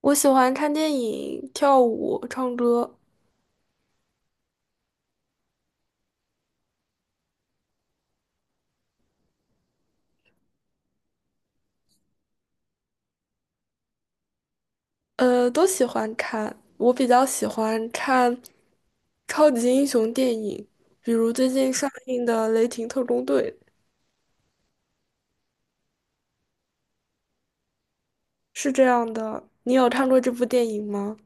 我喜欢看电影、跳舞、唱歌，都喜欢看。我比较喜欢看超级英雄电影，比如最近上映的《雷霆特工队》，是这样的。你有看过这部电影吗？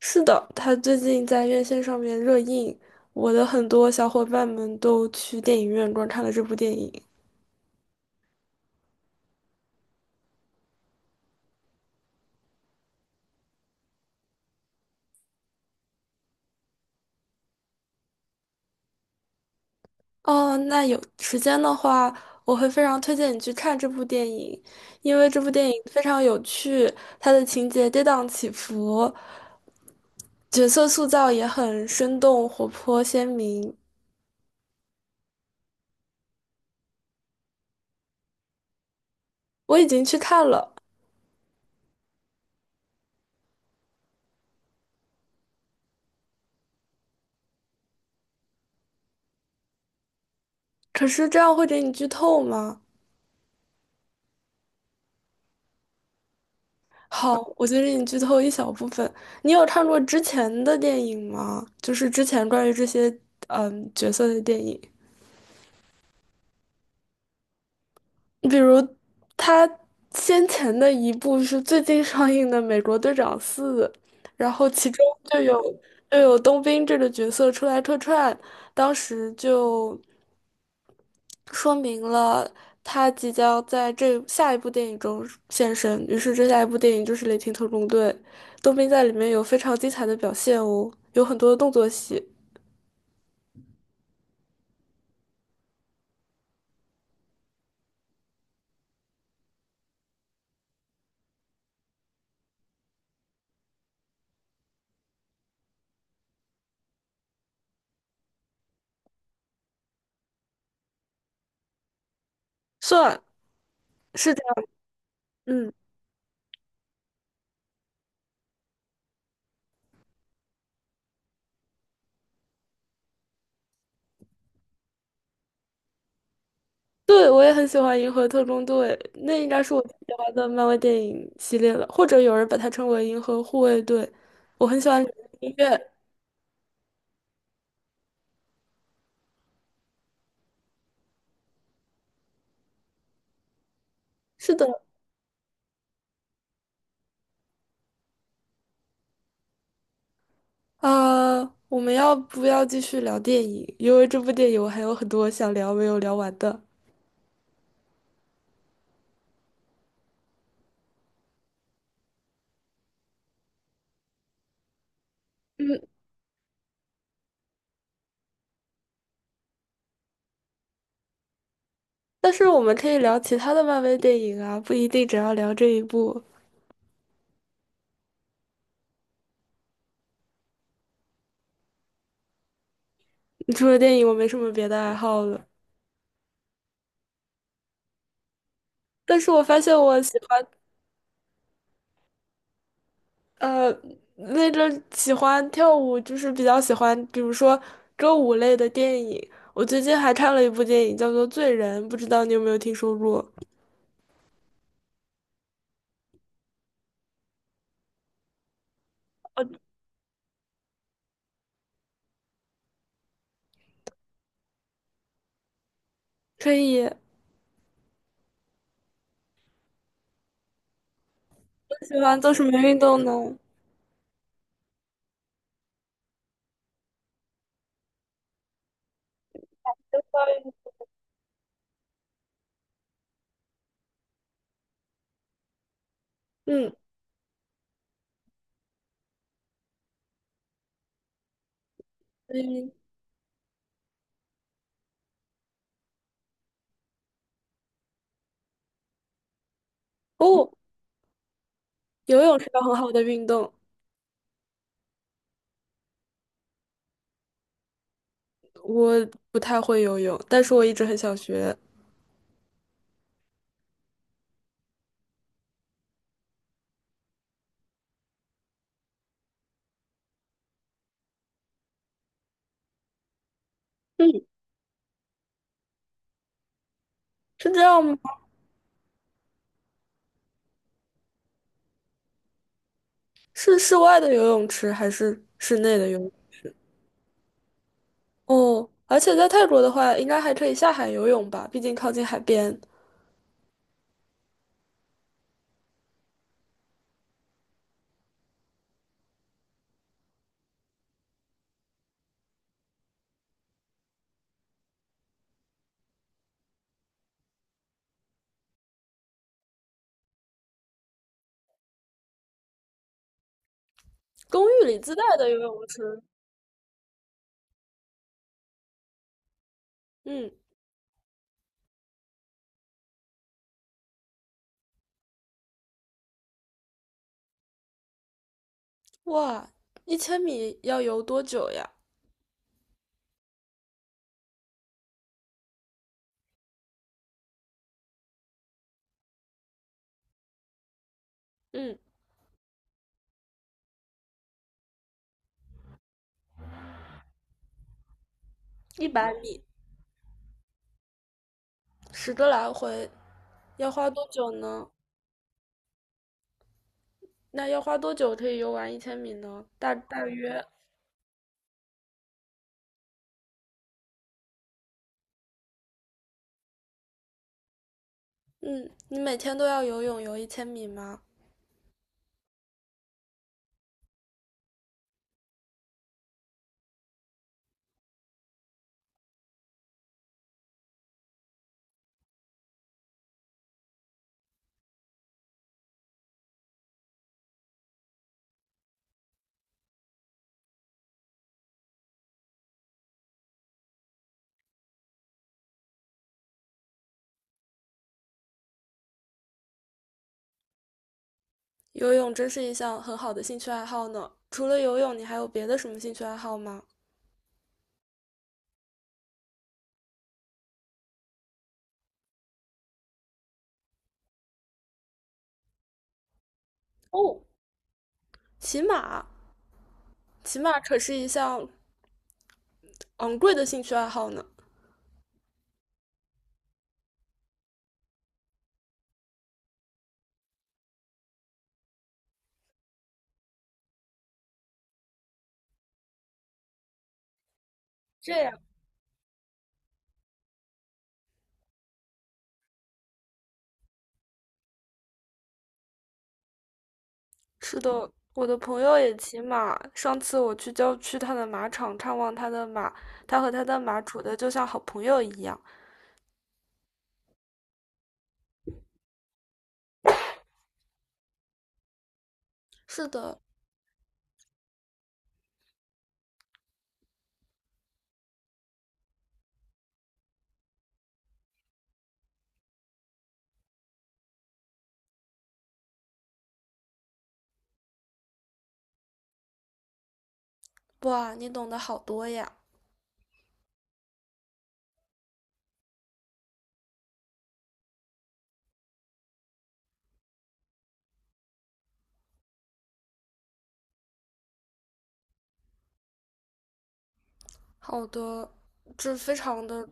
是的，它最近在院线上面热映，我的很多小伙伴们都去电影院观看了这部电影。哦，那有时间的话，我会非常推荐你去看这部电影，因为这部电影非常有趣，它的情节跌宕起伏，角色塑造也很生动、活泼、鲜明。我已经去看了，可是这样会给你剧透吗？好，我就给你剧透一小部分。你有看过之前的电影吗？就是之前关于这些角色的电影。比如他先前的一部是最近上映的《美国队长四》，然后其中就有冬兵这个角色出来客串，当时就说明了他即将在这下一部电影中现身。于是这下一部电影就是《雷霆特工队》，冬兵在里面有非常精彩的表现哦，有很多的动作戏，算是这样，嗯对，我也很喜欢《银河特工队》，那应该是我最喜欢的漫威电影系列了，或者有人把它称为《银河护卫队》。我很喜欢里面的音乐。是的，啊，我们要不要继续聊电影？因为这部电影我还有很多想聊没有聊完的。嗯，但是我们可以聊其他的漫威电影啊，不一定只要聊这一部。除了电影，我没什么别的爱好了。但是我发现我喜欢呃，那个喜欢跳舞，就是比较喜欢，比如说歌舞类的电影。我最近还看了一部电影，叫做《罪人》，不知道你有没有听说过？可以，我喜欢做什么运动呢？嗯嗯，哦，游泳是个很好的运动。我不太会游泳，但是我一直很想学。嗯，是这样吗？是室外的游泳池还是室内的游泳？哦，而且在泰国的话，应该还可以下海游泳吧，毕竟靠近海边。公寓里自带的游泳池。嗯，哇，一千米要游多久呀？嗯，100米，10个来回，要花多久呢？那要花多久可以游完一千米呢？大约，嗯，你每天都要游泳游一千米吗？游泳真是一项很好的兴趣爱好呢。除了游泳，你还有别的什么兴趣爱好吗？哦，骑马，骑马可是一项昂贵的兴趣爱好呢。这样。是的，我的朋友也骑马。上次我去郊区他的马场看望他的马，他和他的马处的就像好朋友一样。是的，哇，你懂得好多呀。好的，这非常的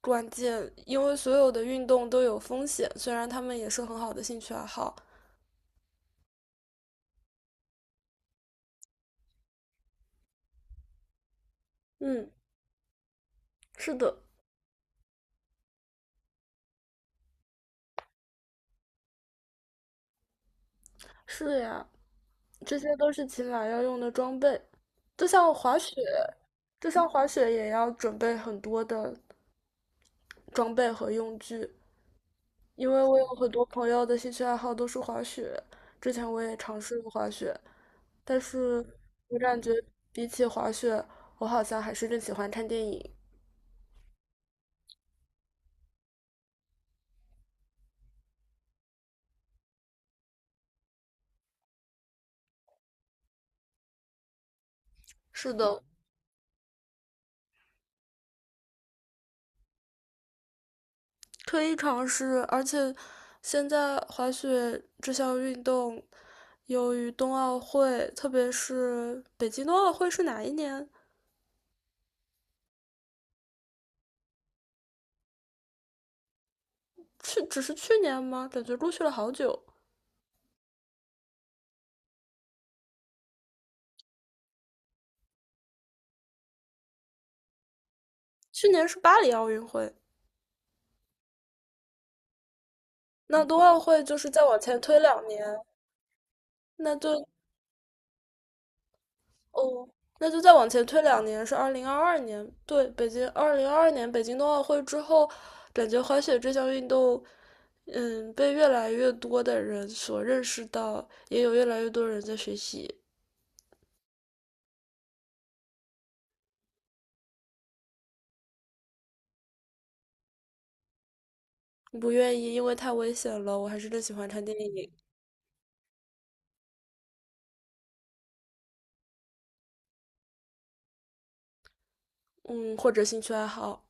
关键，因为所有的运动都有风险，虽然他们也是很好的兴趣爱好。嗯，是的，是呀，这些都是骑马要用的装备，就像滑雪，就像滑雪也要准备很多的装备和用具。因为我有很多朋友的兴趣爱好都是滑雪，之前我也尝试过滑雪，但是我感觉比起滑雪，我好像还是更喜欢看电影。是的，可以尝试，而且现在滑雪这项运动，由于冬奥会，特别是北京冬奥会是哪一年？去，只是去年吗？感觉过去了好久。去年是巴黎奥运会，那冬奥会就是再往前推两年，那就哦，那就再往前推两年，是二零二二年。对，北京二零二二年北京冬奥会之后，感觉滑雪这项运动，嗯，被越来越多的人所认识到，也有越来越多人在学习。不愿意，因为太危险了。我还是更喜欢看电影，嗯，或者兴趣爱好。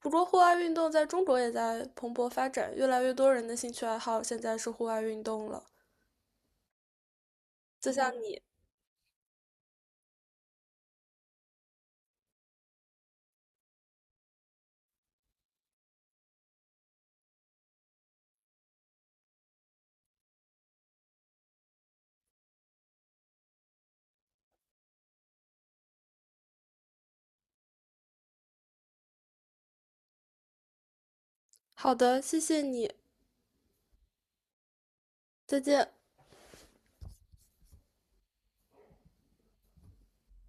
不过，户外运动在中国也在蓬勃发展，越来越多人的兴趣爱好现在是户外运动了。就像你。好的，谢谢你，再见。